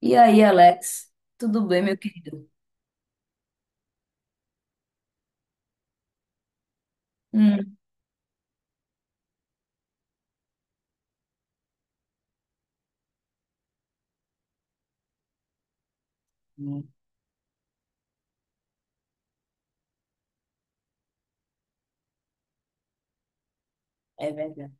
E aí, Alex? Tudo bem, meu querido? Hum, hum, é verdade.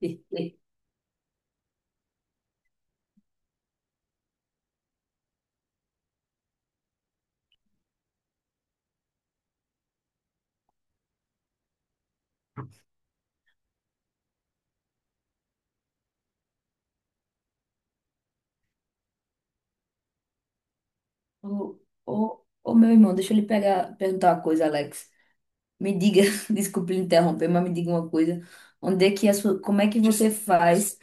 O, o meu irmão, deixa eu lhe pegar, perguntar uma coisa, Alex. Me diga, desculpe lhe interromper, mas me diga uma coisa. Onde é que a sua, como é que você faz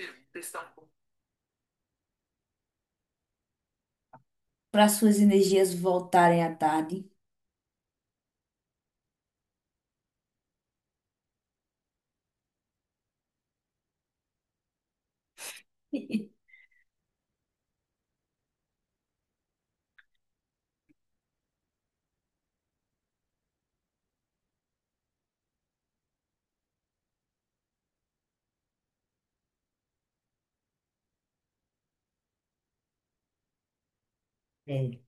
para suas energias voltarem à tarde? É,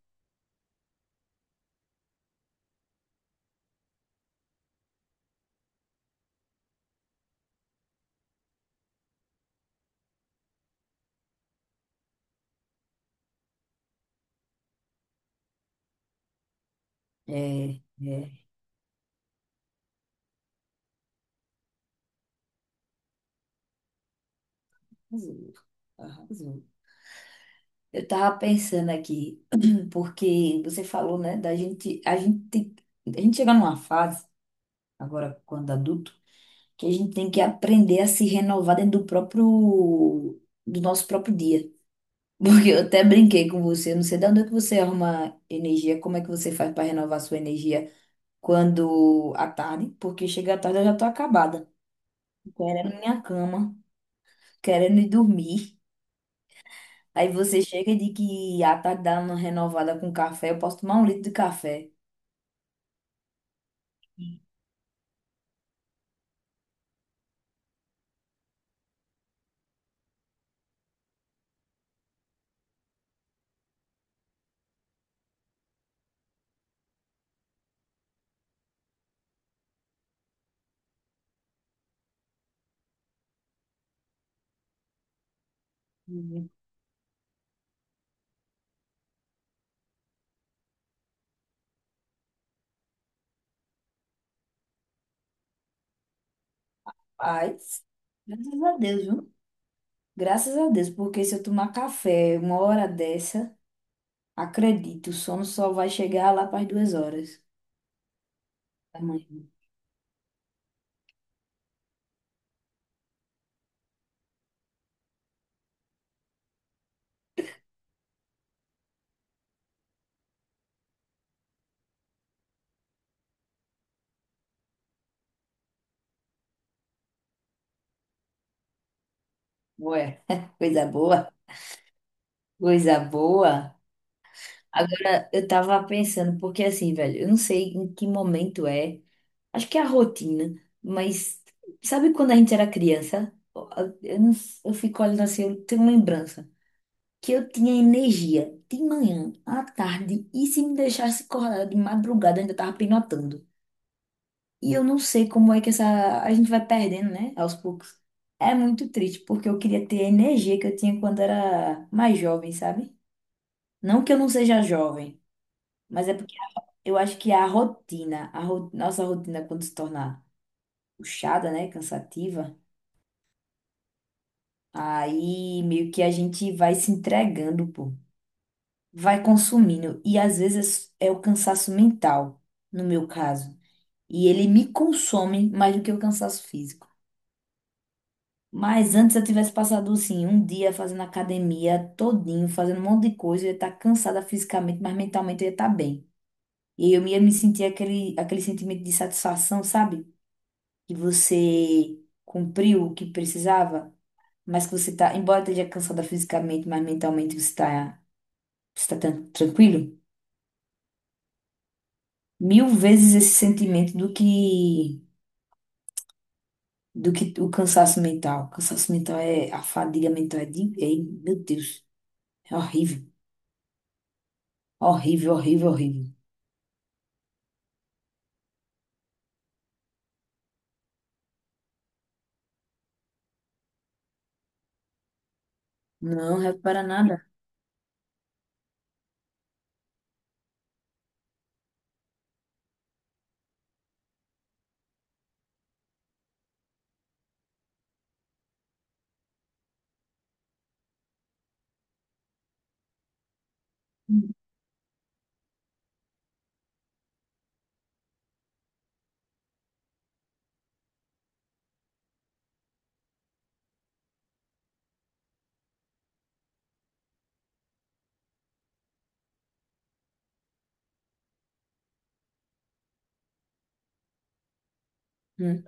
é, é. Arrasou, arrasou. Eu tava pensando aqui, porque você falou, né, da gente, a gente, a gente chega numa fase agora quando adulto, que a gente tem que aprender a se renovar dentro do próprio, do nosso próprio dia. Porque eu até brinquei com você, eu não sei de onde é que você arruma energia, como é que você faz para renovar sua energia quando à tarde, porque chega à tarde eu já tô acabada, querendo minha cama, querendo ir dormir. Aí você chega e diz que à tarde dá uma renovada com café, eu posso tomar um litro de café. Uhum. Paz, graças a Deus, viu? Graças a Deus, porque se eu tomar café uma hora dessa acredito, o sono só vai chegar lá para as duas horas da manhã. Ué, coisa boa, coisa boa. Agora, eu tava pensando, porque assim, velho, eu não sei em que momento é, acho que é a rotina, mas sabe quando a gente era criança? Eu, não, eu fico olhando assim, eu tenho lembrança que eu tinha energia de manhã, à tarde, e se me deixasse acordar de madrugada, eu ainda tava pinotando. E eu não sei como é que essa a gente vai perdendo, né, aos poucos. É muito triste, porque eu queria ter a energia que eu tinha quando era mais jovem, sabe? Não que eu não seja jovem, mas é porque eu acho que a rotina, nossa rotina quando se torna puxada, né, cansativa, aí meio que a gente vai se entregando, pô, vai consumindo e às vezes é o cansaço mental, no meu caso, e ele me consome mais do que o cansaço físico. Mas antes eu tivesse passado, assim, um dia fazendo academia todinho, fazendo um monte de coisa, eu ia estar cansada fisicamente, mas mentalmente eu ia estar bem. E eu ia me sentir aquele, aquele sentimento de satisfação, sabe? Que você cumpriu o que precisava, mas que você tá, embora esteja cansada fisicamente, mas mentalmente você está você tá tranquilo. Mil vezes esse sentimento do que o cansaço mental. O cansaço mental é, a fadiga mental é, de, é, meu Deus, é horrível, horrível, horrível, horrível. Não, repara nada. Uhum.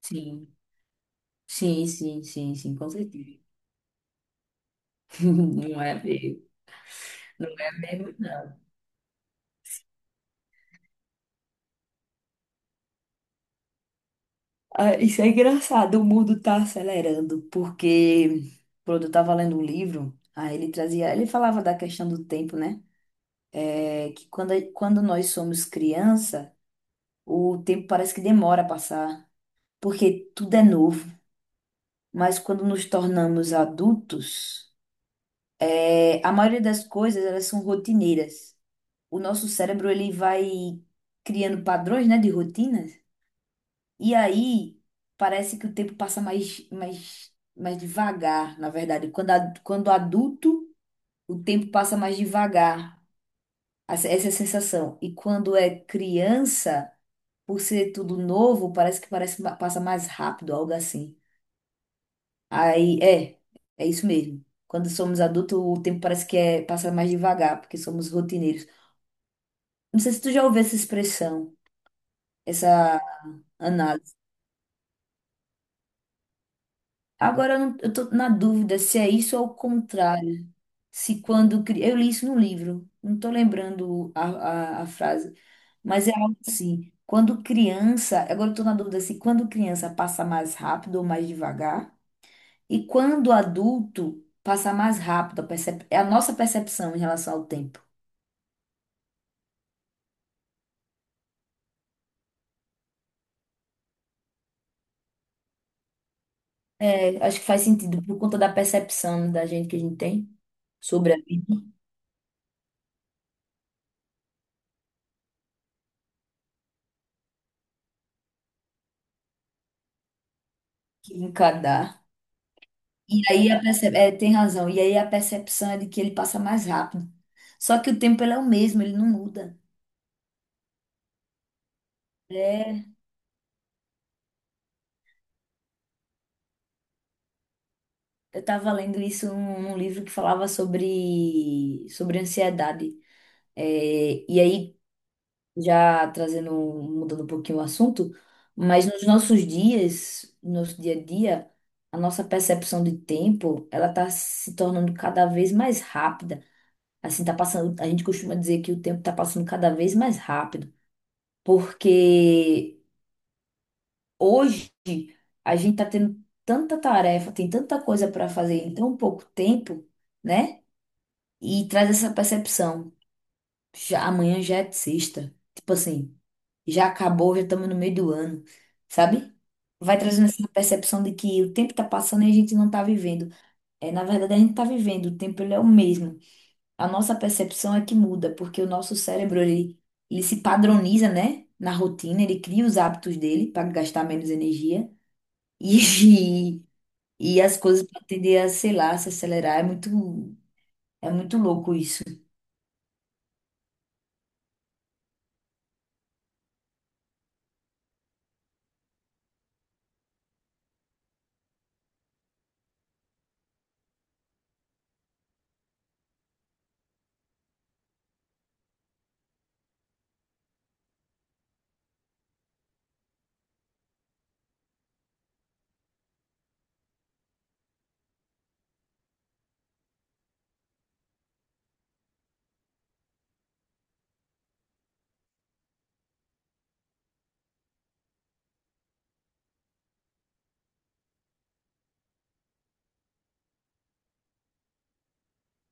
Sim, sim, sim, sim, sim, com certeza. Não é mesmo, não é mesmo, não. Ah, isso é engraçado, o mundo tá acelerando, porque quando eu tava lendo um livro, aí ele trazia, ele falava da questão do tempo, né? É que quando, quando nós somos criança, o tempo parece que demora a passar, porque tudo é novo. Mas quando nos tornamos adultos, é, a maioria das coisas, elas são rotineiras. O nosso cérebro ele vai criando padrões, né, de rotinas. E aí parece que o tempo passa mais devagar, na verdade. Quando adulto, o tempo passa mais devagar. Essa é a sensação. E quando é criança, por ser tudo novo, parece que passa mais rápido, algo assim. Aí é, é isso mesmo. Quando somos adultos, o tempo parece que é, passa mais devagar, porque somos rotineiros. Não sei se tu já ouviu essa expressão, essa análise. Agora eu, não, eu tô na dúvida se é isso ou o contrário. Se quando. Cri- Eu li isso no livro, não tô lembrando a frase, mas é algo assim. Quando criança. Agora eu tô na dúvida se quando criança passa mais rápido ou mais devagar. E quando adulto passa mais rápido. É a nossa percepção em relação ao tempo. É, acho que faz sentido por conta da percepção da gente que a gente tem sobre a vida que encadar. E aí a é, tem razão. E aí a percepção é de que ele passa mais rápido. Só que o tempo ele é o mesmo, ele não muda. É, eu estava lendo isso num livro que falava sobre ansiedade. É, e aí, já trazendo, mudando um pouquinho o assunto, mas nos nossos dias, no nosso dia a dia, a nossa percepção de tempo, ela está se tornando cada vez mais rápida. Assim, tá passando, a gente costuma dizer que o tempo está passando cada vez mais rápido, porque hoje a gente tá tendo tanta tarefa, tem tanta coisa para fazer em tão pouco tempo, né? E traz essa percepção. Já, amanhã já é sexta. Tipo assim, já acabou, já estamos no meio do ano, sabe? Vai trazendo essa percepção de que o tempo tá passando e a gente não tá vivendo. É, na verdade, a gente tá vivendo, o tempo ele é o mesmo. A nossa percepção é que muda, porque o nosso cérebro, ele se padroniza, né, na rotina, ele cria os hábitos dele para gastar menos energia e, e as coisas para tender a, sei lá, se acelerar. É muito louco isso.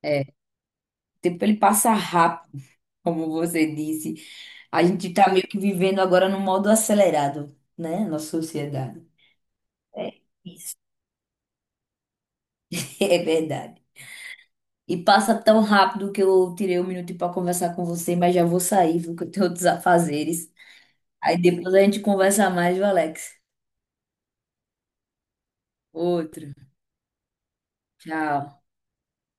É, o tempo ele passa rápido, como você disse. A gente tá meio que vivendo agora no modo acelerado, né, nossa sociedade. É isso, é verdade. E passa tão rápido que eu tirei um minuto para conversar com você, mas já vou sair, viu, que eu tenho outros afazeres. Aí depois a gente conversa mais, viu, Alex? Outro. Tchau.